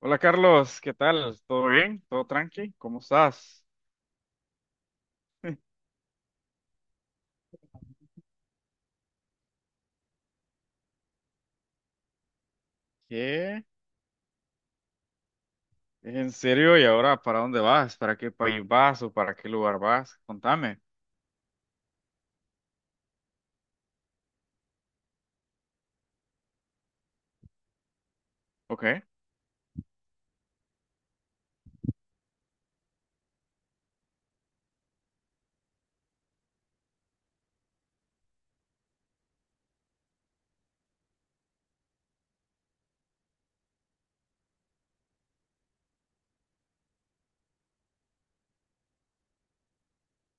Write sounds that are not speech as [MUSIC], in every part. Hola Carlos, ¿qué tal? ¿Todo bien? ¿Todo tranqui? ¿Cómo estás? ¿Qué? ¿En serio? ¿Y ahora para dónde vas? ¿Para qué país vas o para qué lugar vas? Contame. Ok.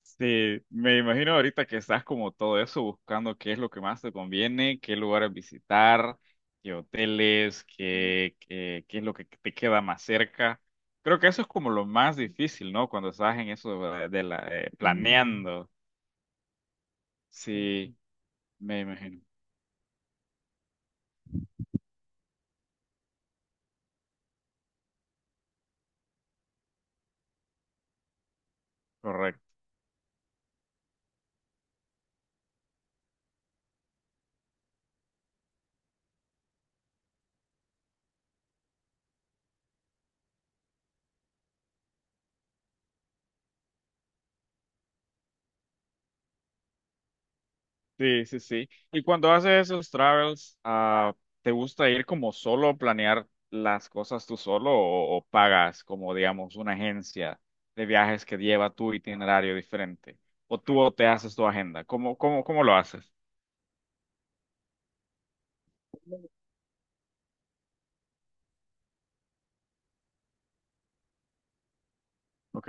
Sí, me imagino ahorita que estás como todo eso, buscando qué es lo que más te conviene, qué lugares visitar, qué hoteles, qué es lo que te queda más cerca. Creo que eso es como lo más difícil, ¿no? Cuando estás en eso de planeando. Sí, me imagino. Correcto. Sí, sí, sí. Y cuando haces esos travels, ¿te gusta ir como solo, planear las cosas tú solo o pagas como, digamos, una agencia de viajes que lleva tu itinerario diferente? ¿O tú te haces tu agenda? ¿Cómo lo haces? Ok,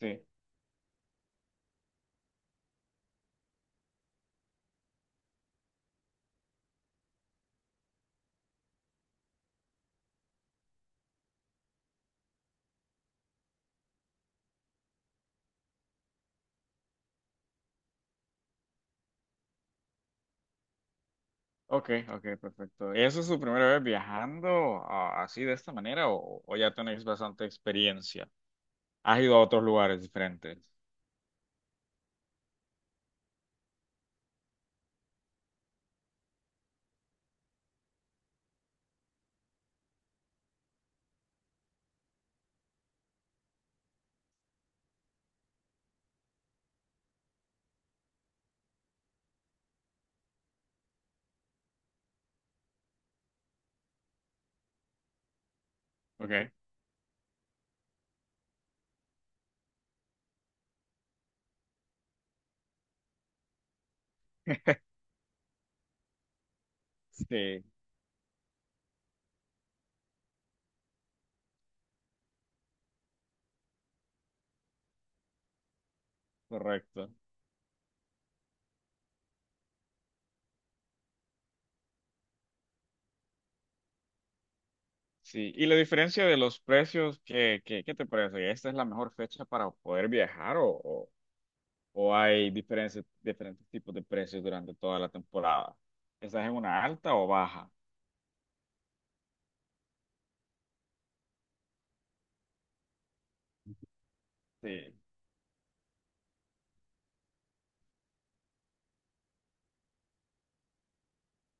sí. Ok, ok, perfecto. ¿Eso es tu primera vez viajando así de esta manera o ya tenéis bastante experiencia? ¿Has ido a otros lugares diferentes? Ok. [LAUGHS] Sí, correcto. Sí, y la diferencia de los precios, ¿qué te parece? ¿Esta es la mejor fecha para poder viajar o hay diferentes tipos de precios durante toda la temporada? ¿Estás en una alta o baja? Sí,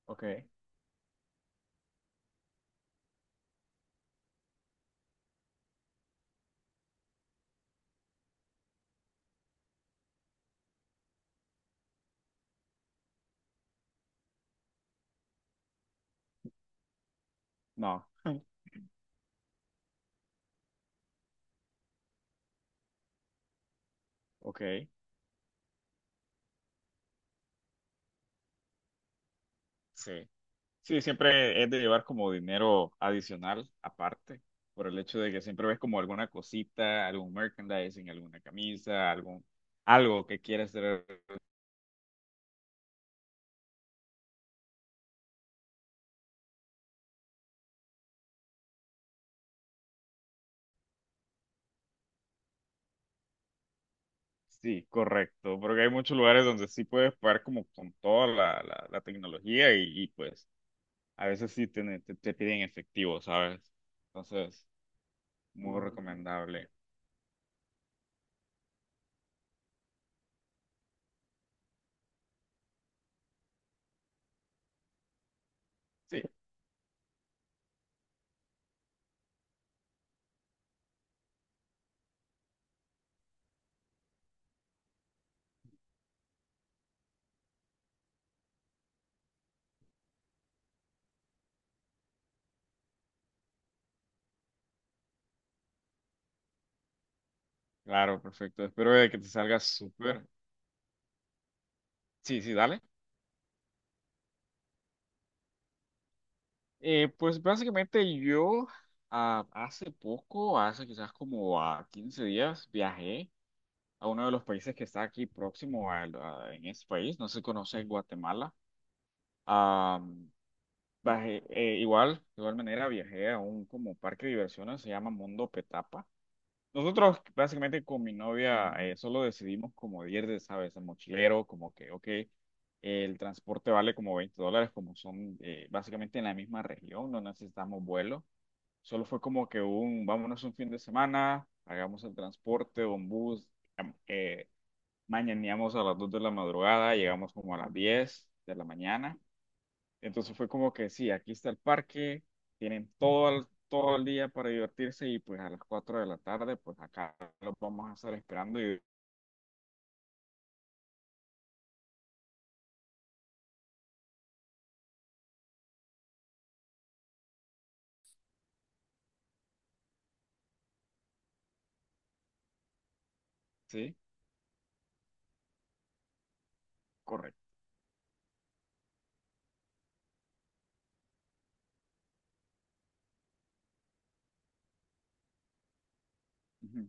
ok, no, ok, sí. Sí, siempre es de llevar como dinero adicional aparte, por el hecho de que siempre ves como alguna cosita, algún merchandising, alguna camisa, algún, algo que quieres hacer. Sí, correcto, porque hay muchos lugares donde sí puedes pagar como con toda la tecnología pues a veces sí te piden efectivo, ¿sabes? Entonces, muy recomendable. Sí, claro, perfecto. Espero de que te salga súper. Sí, sí, dale. Pues básicamente yo, hace poco, hace quizás como a 15 días, viajé a uno de los países que está aquí próximo en ese país, no se conoce Guatemala. Bajé, igual, de igual manera viajé a un como parque de diversiones, se llama Mundo Petapa. Nosotros básicamente con mi novia solo decidimos como ir de, ¿sabes? A mochilero, como que, ok, el transporte vale como $20, como son básicamente en la misma región, no necesitamos vuelo. Solo fue como que un, vámonos un fin de semana, hagamos el transporte, un bus, am- eh, mañaneamos a las 2 de la madrugada, llegamos como a las 10 de la mañana. Entonces fue como que sí, aquí está el parque, tienen todo el día para divertirse y pues a las 4 de la tarde, pues acá los vamos a estar esperando y sí, correcto. Ujú.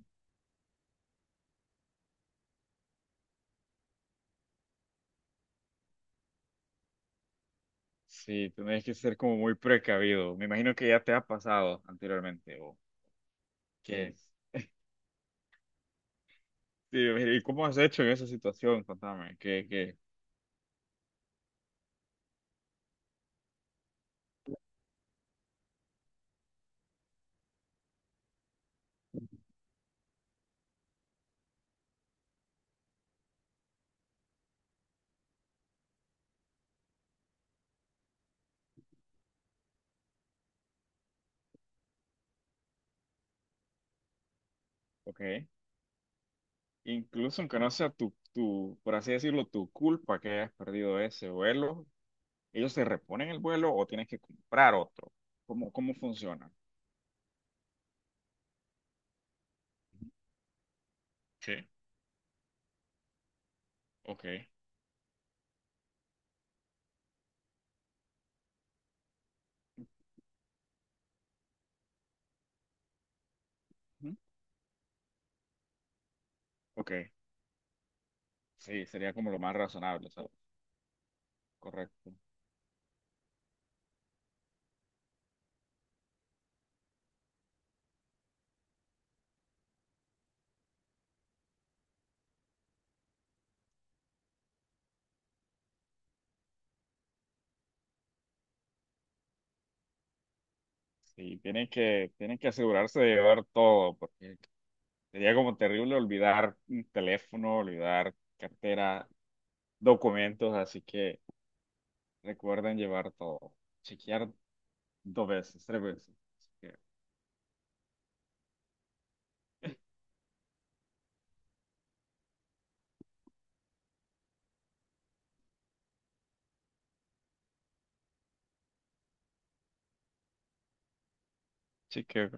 Sí, tenés que ser como muy precavido. Me imagino que ya te ha pasado anteriormente o que sí, ¿y cómo has hecho en esa situación? Contame, ok. Incluso aunque no sea por así decirlo, tu culpa que hayas perdido ese vuelo, ¿ellos te reponen el vuelo o tienes que comprar otro? ¿Cómo funciona? Sí, ok. Ujú. Ok, sí, sería como lo más razonable, ¿sabes? Correcto. Sí, tienen que asegurarse de llevar todo, porque sería como terrible olvidar un teléfono, olvidar cartera, documentos, así que recuerden llevar todo. Chequear dos veces, tres veces. Sí, que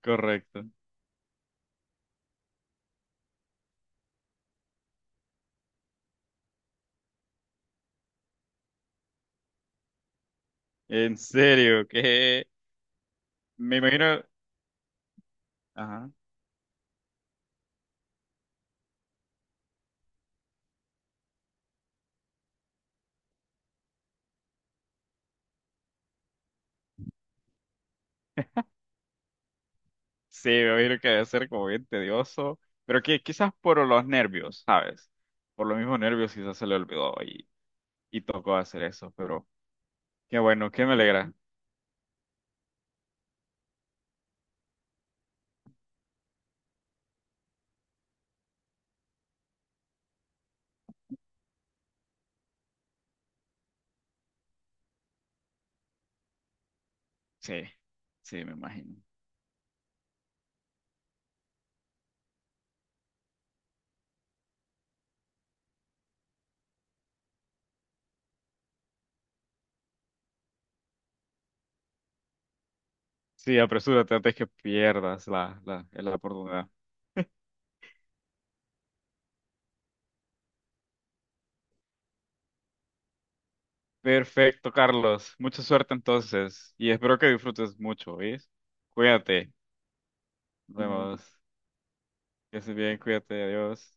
correcto. En serio, que me imagino. Ajá. Sí, me imagino que debe ser como bien tedioso, pero que quizás por los nervios, ¿sabes? Por los mismos nervios quizás se le olvidó y tocó hacer eso, pero qué bueno, qué me alegra. Sí, sí, me imagino. Sí, apresúrate antes que pierdas la oportunidad. Perfecto, Carlos. Mucha suerte entonces y espero que disfrutes mucho, ¿ves? Cuídate. Nos Igual. Vemos. Que estés bien, cuídate, adiós.